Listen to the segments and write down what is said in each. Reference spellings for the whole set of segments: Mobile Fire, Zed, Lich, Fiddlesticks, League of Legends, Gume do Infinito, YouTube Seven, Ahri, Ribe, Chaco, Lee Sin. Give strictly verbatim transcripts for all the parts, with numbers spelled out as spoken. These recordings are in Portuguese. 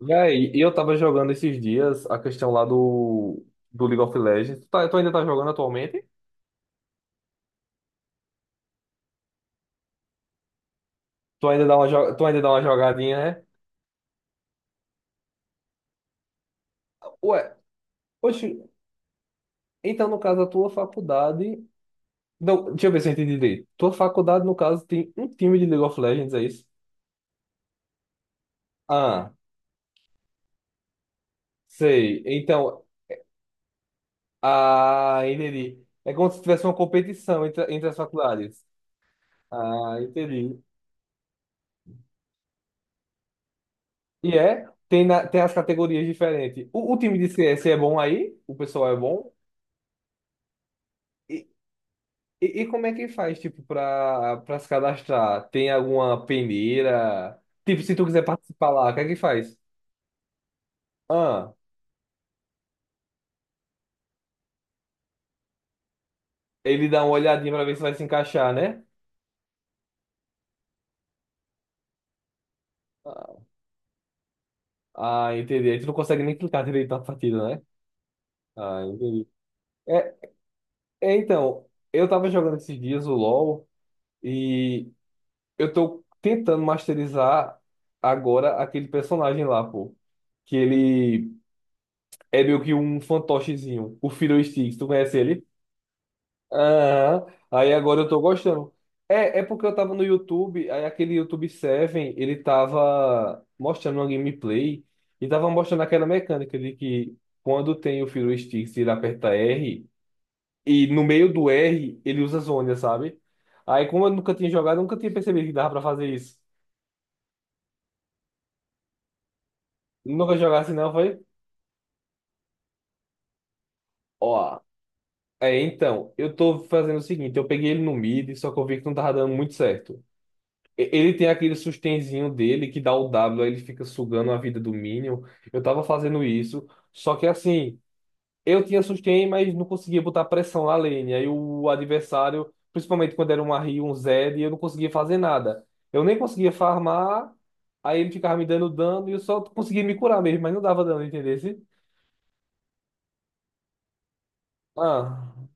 Véi, e eu tava jogando esses dias a questão lá do, do League of Legends. Tu, tá- tu ainda tá jogando atualmente? Tu ainda dá uma, jo- tu ainda dá uma jogadinha, né? Ué, oxe, então no caso a tua faculdade. Não, deixa eu ver se eu entendi direito. Tua faculdade, no caso, tem um time de League of Legends, é isso? Ah, sei. Então, ah, entendi. É como se tivesse uma competição entre, entre as faculdades. Ah, entendi. E é? Tem, na- tem as categorias diferentes. O, o time de C S é bom aí? O pessoal é bom? E, e como é que faz, tipo, pra, pra se cadastrar? Tem alguma peneira? Tipo, se tu quiser participar lá, o que é que faz? Ah, ele dá uma olhadinha pra ver se vai se encaixar, né? Ah, ah, entendi. Aí tu não consegue nem clicar direito na partida, né? Ah, entendi. É, é, então, eu tava jogando esses dias o LoL e eu tô tentando masterizar agora aquele personagem lá, pô. Que ele é meio que um fantochezinho, o Fiddlesticks. Tu conhece ele? Aham. Aí agora eu tô gostando. É, é porque eu tava no YouTube, aí aquele YouTube Seven ele tava mostrando uma gameplay e tava mostrando aquela mecânica de que quando tem o Fiddle Sticks, ele aperta R e no meio do R ele usa zônia, sabe? Aí como eu nunca tinha jogado, eu nunca tinha percebido que dava pra fazer isso. Nunca jogasse assim, não, foi? Ó, é, então, eu tô fazendo o seguinte, eu peguei ele no mid, só que eu vi que não tava dando muito certo. E- Ele tem aquele sustenzinho dele que dá o W, aí ele fica sugando a vida do Minion. Eu tava fazendo isso, só que assim, eu tinha sustain, mas não conseguia botar pressão na lane. Aí o adversário, principalmente quando era um Ahri, um Zed, eu não conseguia fazer nada. Eu nem conseguia farmar, aí ele ficava me dando dano e eu só conseguia me curar mesmo, mas não dava dano, entendesse? Ah.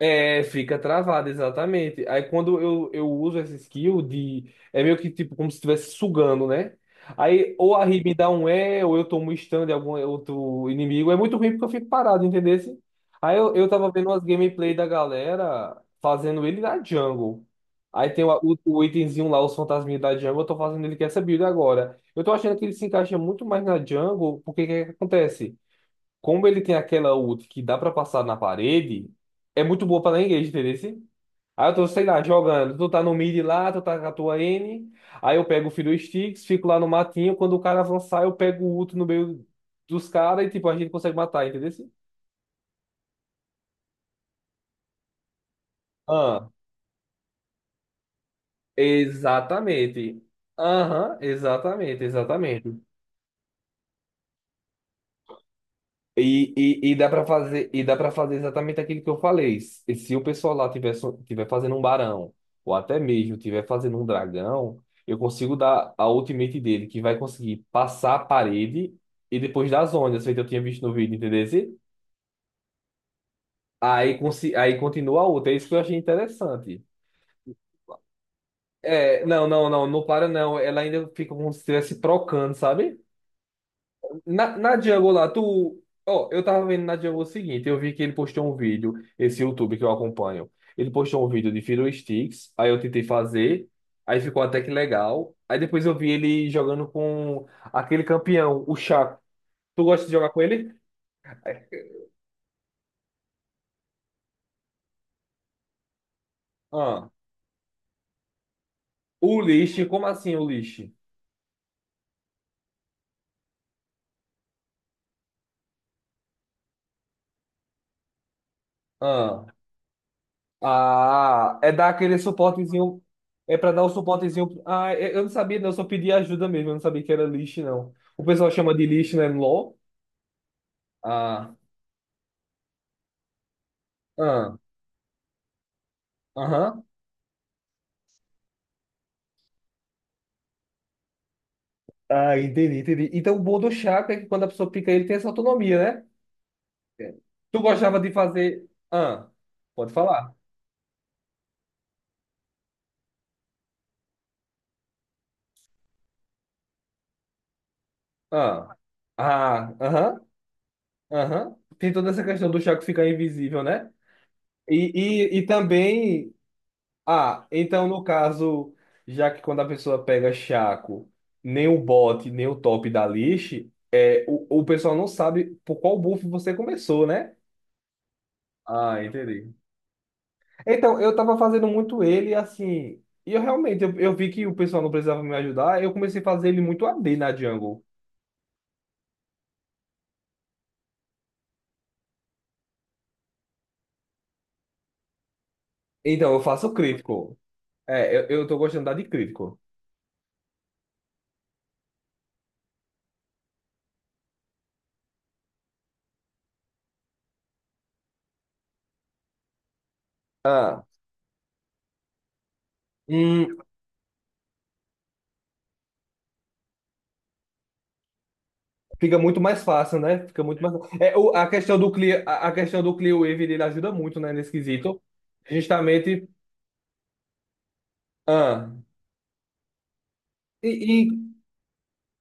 É, fica travado, exatamente. Aí quando eu, eu uso essa skill de. É meio que tipo como se estivesse sugando, né? Aí ou a Ribe me dá um E, ou eu tomo um stun de algum outro inimigo. É muito ruim porque eu fico parado, entendeu? Aí eu, eu tava vendo umas gameplay da galera fazendo ele na jungle. Aí tem o, o, o itemzinho lá, os fantasminhas da jungle, eu tô fazendo ele com essa build agora. Eu tô achando que ele se encaixa muito mais na jungle, porque o que que acontece? Como ele tem aquela ult que dá pra passar na parede, é muito boa pra dar engage, entendeu? Assim? Aí eu tô, sei lá, jogando. Tu tá no mid lá, tu tá com a tua N. Aí eu pego o Fiddle Sticks, fico lá no matinho. Quando o cara avançar, eu pego o ult no meio dos caras e, tipo, a gente consegue matar, entendeu? Assim? Ah, exatamente. Aham, exatamente, exatamente. E, e, e dá para fazer e dá para fazer exatamente aquilo que eu falei. E se o pessoal lá tiver, so- tiver fazendo um barão, ou até mesmo tiver fazendo um dragão, eu consigo dar a ultimate dele, que vai conseguir passar a parede e depois das ondas, feito eu tinha visto no vídeo, entendeu? Aí, consi- aí continua a outra. É isso que eu achei interessante. É, não, não, não, não para não. Ela ainda fica como se estivesse trocando, sabe? Na, na Django lá, tu. Ó, eu tava vendo na Django o seguinte, eu vi que ele postou um vídeo, esse YouTube que eu acompanho. Ele postou um vídeo de Fiddle Sticks, aí eu tentei fazer, aí ficou até que legal. Aí depois eu vi ele jogando com aquele campeão, o Chaco. Tu gosta de jogar com ele? Ah. O Lich, como assim o Lich? Ah. Ah, é dar aquele suportezinho. É pra dar o suportezinho. Ah, eu eu não sabia, não, eu só pedi ajuda mesmo, eu não sabia que era Lich, não. O pessoal chama de Lich, né, no LoL. Ah. Ah, aham. Ah, entendi, entendi. Então, o bom do chaco é que quando a pessoa pica ele, tem essa autonomia, né? É. Tu gostava de fazer. Ah, pode falar. Ah, ah, aham, aham. Tem toda essa questão do chaco ficar invisível, né? E, e, e também. Ah, então, no caso, já que quando a pessoa pega chaco, nem o bot, nem o top da lixe, é, o, o pessoal não sabe por qual buff você começou, né? Ah, entendi. Então, eu tava fazendo muito ele assim. E eu realmente, eu, eu vi que o pessoal não precisava me ajudar. Eu comecei a fazer ele muito a d na Django. Então, eu faço crítico. É, eu, eu tô gostando de de crítico. Ah. Hum, fica muito mais fácil, né? Fica muito mais. É, o, a questão do Clear, a, a questão do Clear Wave, ele ajuda muito, né, nesse quesito. Justamente. Ah. E, e,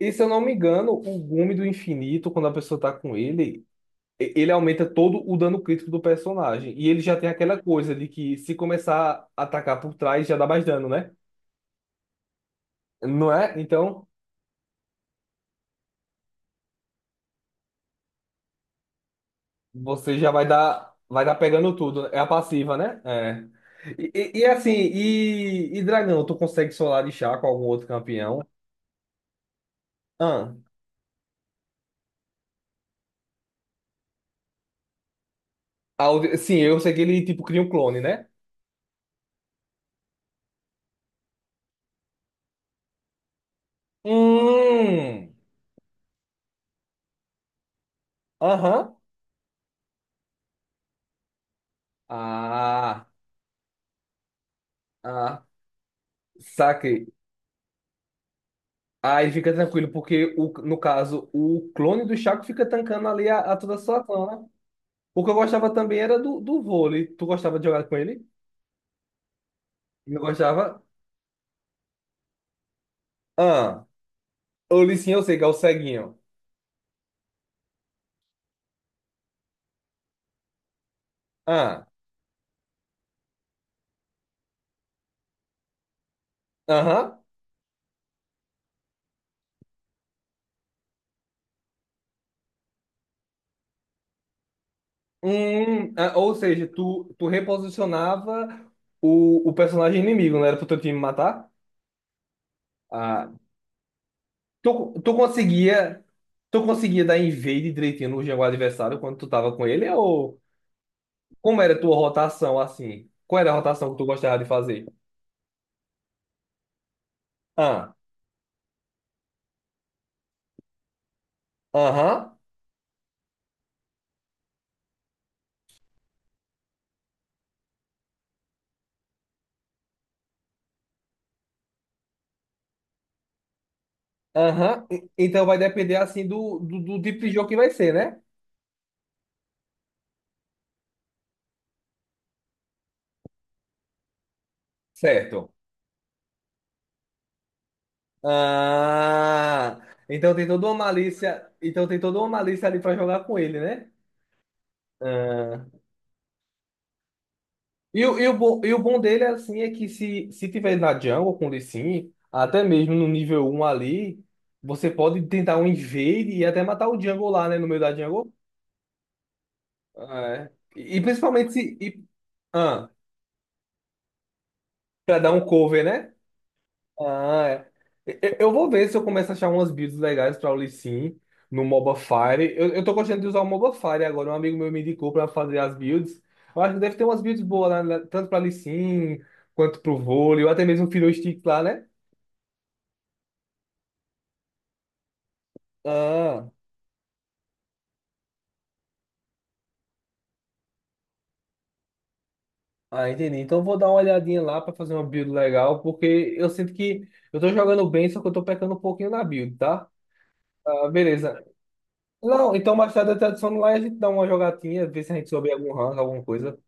e se eu não me engano, o Gume do Infinito, quando a pessoa tá com ele. e- ele aumenta todo o dano crítico do personagem. E ele já tem aquela coisa de que se começar a atacar por trás, já dá mais dano, né? Não é? Então, você já vai dar, vai dar pegando tudo. É a passiva, né? É. E, e- e assim, e, e Dragão, tu consegue solar de chá com algum outro campeão? Ah, Audi- sim, eu sei que ele, tipo, cria um clone, né? Hum, aham. Ah, ah, saquei. Aí fica tranquilo, porque o, no caso, o clone do Chaco fica tancando ali a, a toda a situação, né? O que eu gostava também era do, do vôlei. Tu gostava de jogar com ele? Não gostava? Ah, o Licinho, eu sei que é o ceguinho. Ah, aham. Hum, ah, ou seja, tu, tu reposicionava o, o personagem inimigo, não era pro teu time matar? Ah, tu, tu conseguia, tu conseguia dar invade direitinho no jogo adversário quando tu tava com ele, ou... Como era a tua rotação assim? Qual era a rotação que tu gostava de fazer? Ah, aham, aham. E- Então vai depender assim do, do, do tipo de jogo que vai ser, né? Certo. Ah, então tem toda uma malícia, então tem toda uma malícia ali pra jogar com ele, né? Ah, e, o, e, o bom, e o bom dele assim é que se, se tiver na jungle com o Lee Sin, até mesmo no nível um ali, você pode tentar um invade e até matar o jungle lá, né, no meio da jungle. Ah, É. E, e principalmente se. E, ah, pra dar um cover, né? Ah, é. Eu, eu vou ver se eu começo a achar umas builds legais pra o Lee Sin no moba Fire. Eu, eu tô gostando de usar o Mobile Fire agora. Um amigo meu me indicou pra fazer as builds. Eu acho que deve ter umas builds boas lá, né? tanto pra Lee Sin, quanto pro vôlei, ou até mesmo o Stick lá, né? Ah, ah, entendi. Então eu vou dar uma olhadinha lá pra fazer uma build legal, porque eu sinto que eu tô jogando bem, só que eu tô pecando um pouquinho na build, tá? Ah, beleza. Não, então mais tarde da tradução lá a gente dá uma jogatinha, ver se a gente souber algum rank, alguma coisa.